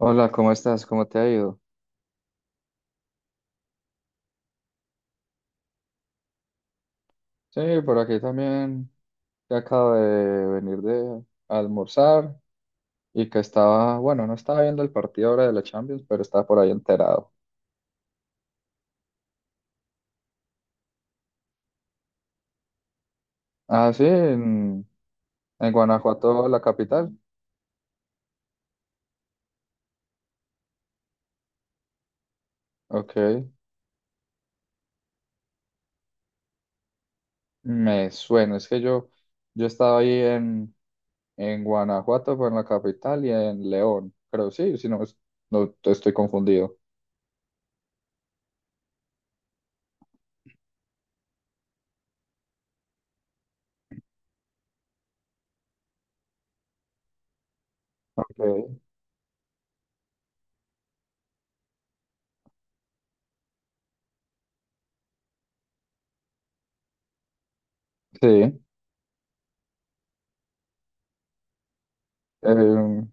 Hola, ¿cómo estás? ¿Cómo te ha ido? Sí, por aquí también. Que acabo de venir de almorzar y que estaba, no estaba viendo el partido ahora de la Champions, pero estaba por ahí enterado. Ah, sí, en, en Guanajuato, la capital. Ok, me suena. Yo estaba ahí en Guanajuato, pues en la capital y en León. Creo sí, si no, no estoy confundido. Ok. Sí. em,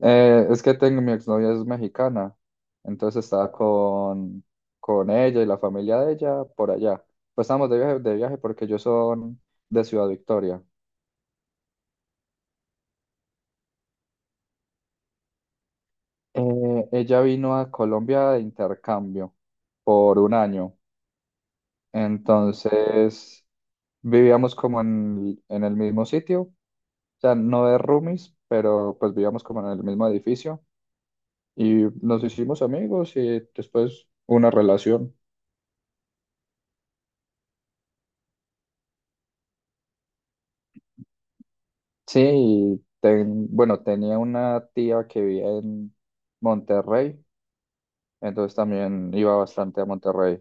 Es que tengo, mi exnovia es mexicana, entonces estaba con ella y la familia de ella por allá. Pues estábamos de viaje porque ellos son de Ciudad Victoria. Ella vino a Colombia de intercambio por un año, entonces vivíamos como en el mismo sitio, o sea, no de roomies, pero pues vivíamos como en el mismo edificio y nos hicimos amigos y después una relación. Sí, y tenía una tía que vivía en Monterrey, entonces también iba bastante a Monterrey.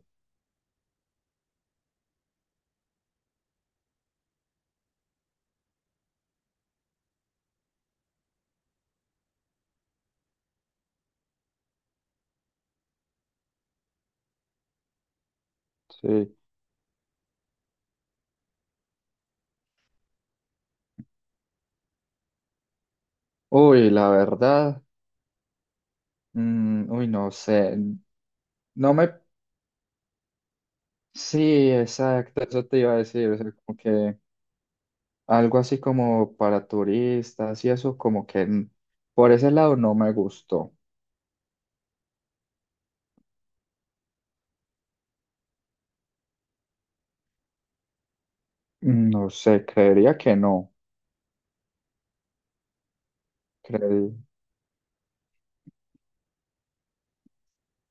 Sí. Uy, la verdad, uy, no sé. No me, Sí, exacto, eso te iba a decir, o sea, como que algo así como para turistas y eso, por ese lado no me gustó. Mm, no sé, creería que no.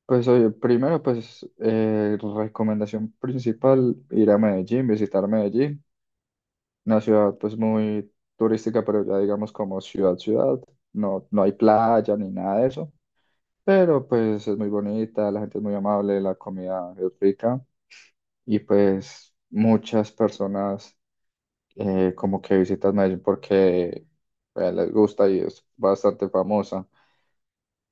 Pues oye, primero, pues recomendación principal, ir a Medellín, visitar Medellín, una ciudad pues muy turística, pero ya digamos como ciudad, no, no hay playa ni nada de eso, pero pues es muy bonita, la gente es muy amable, la comida es rica y pues muchas personas como que visitan Medellín porque les gusta y es bastante famosa.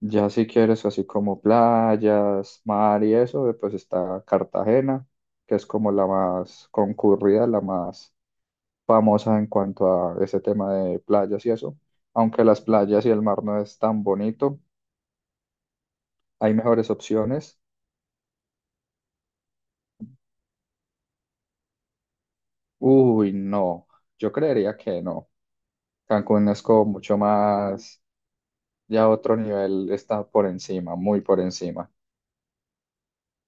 Ya si quieres así como playas, mar y eso, pues está Cartagena, que es como la más concurrida, la más famosa en cuanto a ese tema de playas y eso. Aunque las playas y el mar no es tan bonito, hay mejores opciones. Uy, no, yo creería que no. Cancún es como mucho más, ya otro nivel, está por encima, muy por encima.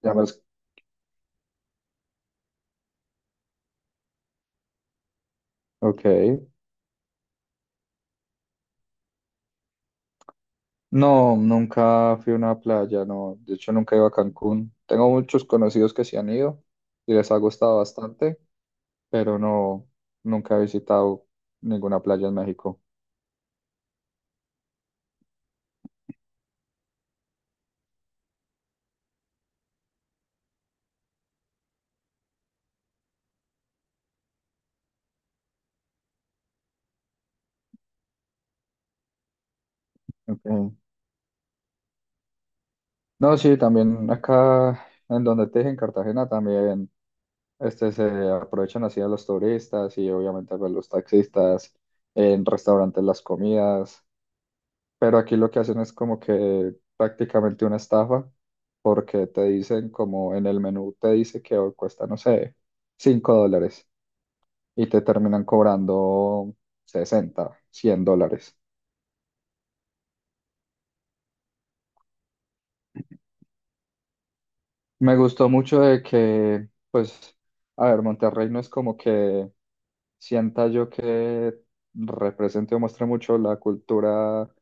Ya más, ok. No, nunca fui a una playa, no. De hecho, nunca he ido a Cancún. Tengo muchos conocidos que sí han ido y les ha gustado bastante, pero no, nunca he visitado ninguna playa en México. Ok. No, sí, también acá en donde te dije, en Cartagena, también se aprovechan así a los turistas y obviamente pues los taxistas, en restaurantes las comidas. Pero aquí lo que hacen es como que prácticamente una estafa, porque te dicen como en el menú te dice que hoy cuesta, no sé, $5 y te terminan cobrando 60 100 dólares. Me gustó mucho de que, pues, a ver, Monterrey no es como que sienta yo que represente o muestre mucho la cultura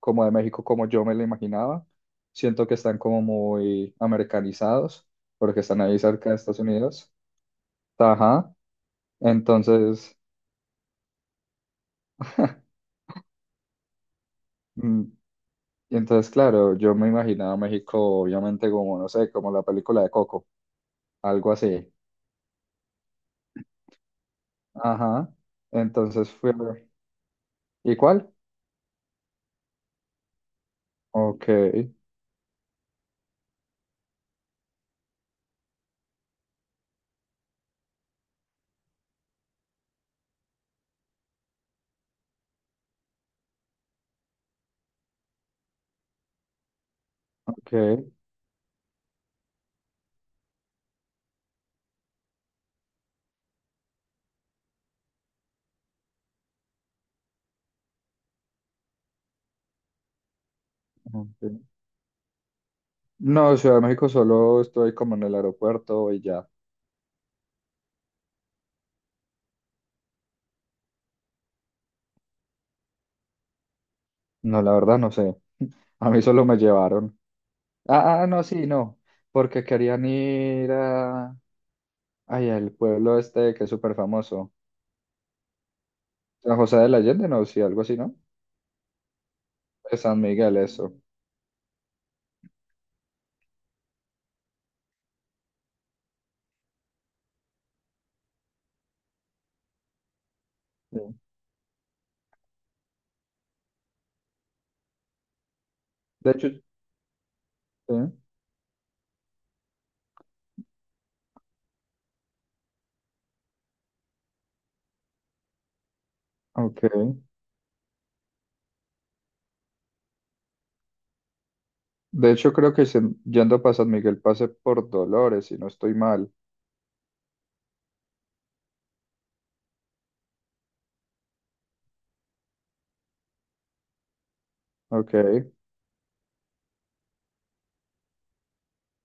como de México, como yo me la imaginaba. Siento que están como muy americanizados, porque están ahí cerca de Estados Unidos. Ajá. Entonces, mm, y entonces, claro, yo me imaginaba a México, obviamente, como, no sé, como la película de Coco, algo así. Ajá. Entonces fui a ver. ¿Y cuál? Ok, ok, ok. No, Ciudad de México solo estoy como en el aeropuerto y ya. No, la verdad no sé. A mí solo me llevaron. No, sí, no. Porque querían ir a... Ay, al pueblo este que es súper famoso. San José de la Allende, no, sí, algo así, ¿no? De San Miguel, eso. Sí. De hecho, sí. Ok. De hecho, creo que yendo para San Miguel pasé por Dolores, si no estoy mal. Ok.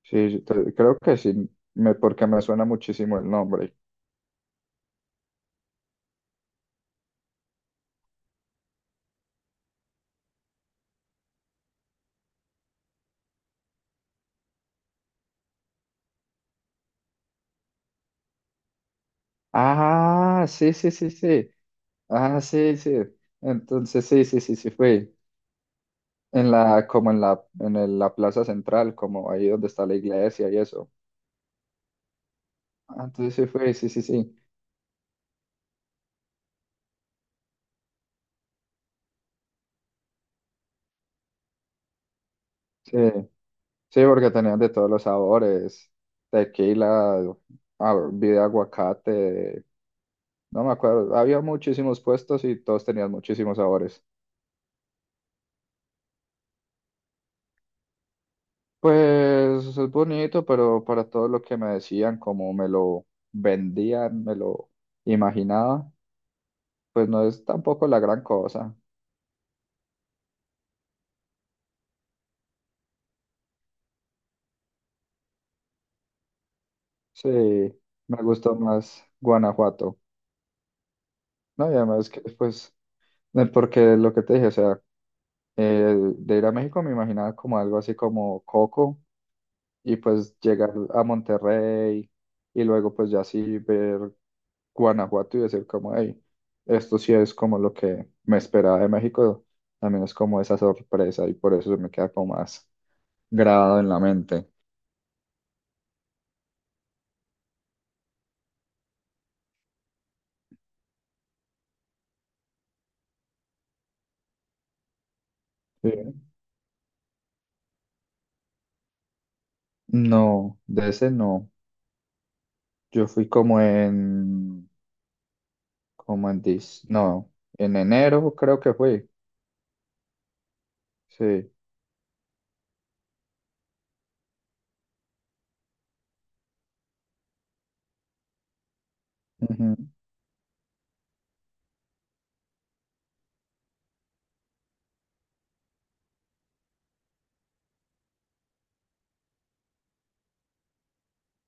Sí, creo que sí, me, porque me suena muchísimo el nombre. Ah, sí, sí, sí, sí. Ah, sí, sí. Entonces, sí, sí, sí, sí, fui. En la, como en la, en el- La plaza central, como ahí donde está la iglesia y eso. Ah, entonces sí fue, sí, sí, sí. Sí, sí, porque tenían de todos los sabores, tequila, ah, bebida de aguacate, no me acuerdo. Había muchísimos puestos y todos tenían muchísimos sabores. Pues es bonito, pero para todo lo que me decían, como me lo vendían, me lo imaginaba, pues no es tampoco la gran cosa. Sí, me gustó más Guanajuato. No, y además que, pues, porque lo que te dije, o sea, de ir a México me imaginaba como algo así como Coco y pues llegar a Monterrey y luego pues ya sí ver Guanajuato y decir como, hey, esto sí es como lo que me esperaba de México, también es como esa sorpresa y por eso se me queda como más grabado en la mente. Sí. No, de ese no. Yo fui como en, como en, dis- no, en enero creo que fui, sí. Ujú,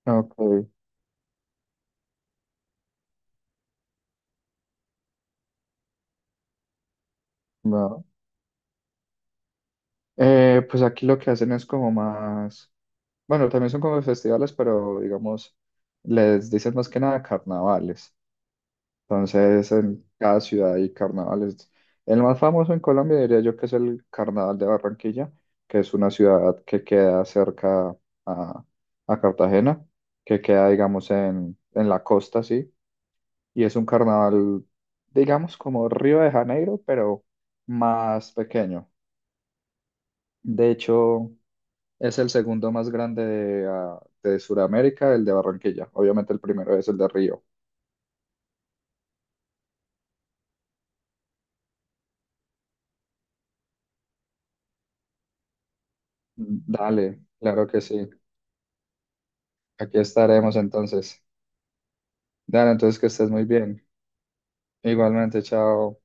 ok, va. Pues aquí lo que hacen es como más, bueno, también son como festivales, pero digamos, les dicen más que nada carnavales. Entonces, en cada ciudad hay carnavales. El más famoso en Colombia diría yo que es el Carnaval de Barranquilla, que es una ciudad que queda cerca a, a Cartagena, que queda, digamos, en la costa, sí. Y es un carnaval, digamos, como Río de Janeiro, pero más pequeño. De hecho, es el segundo más grande de, ah, de Sudamérica, el de Barranquilla. Obviamente el primero es el de Río. Dale, claro que sí. Aquí estaremos entonces. Dale, entonces que estés muy bien. Igualmente, chao.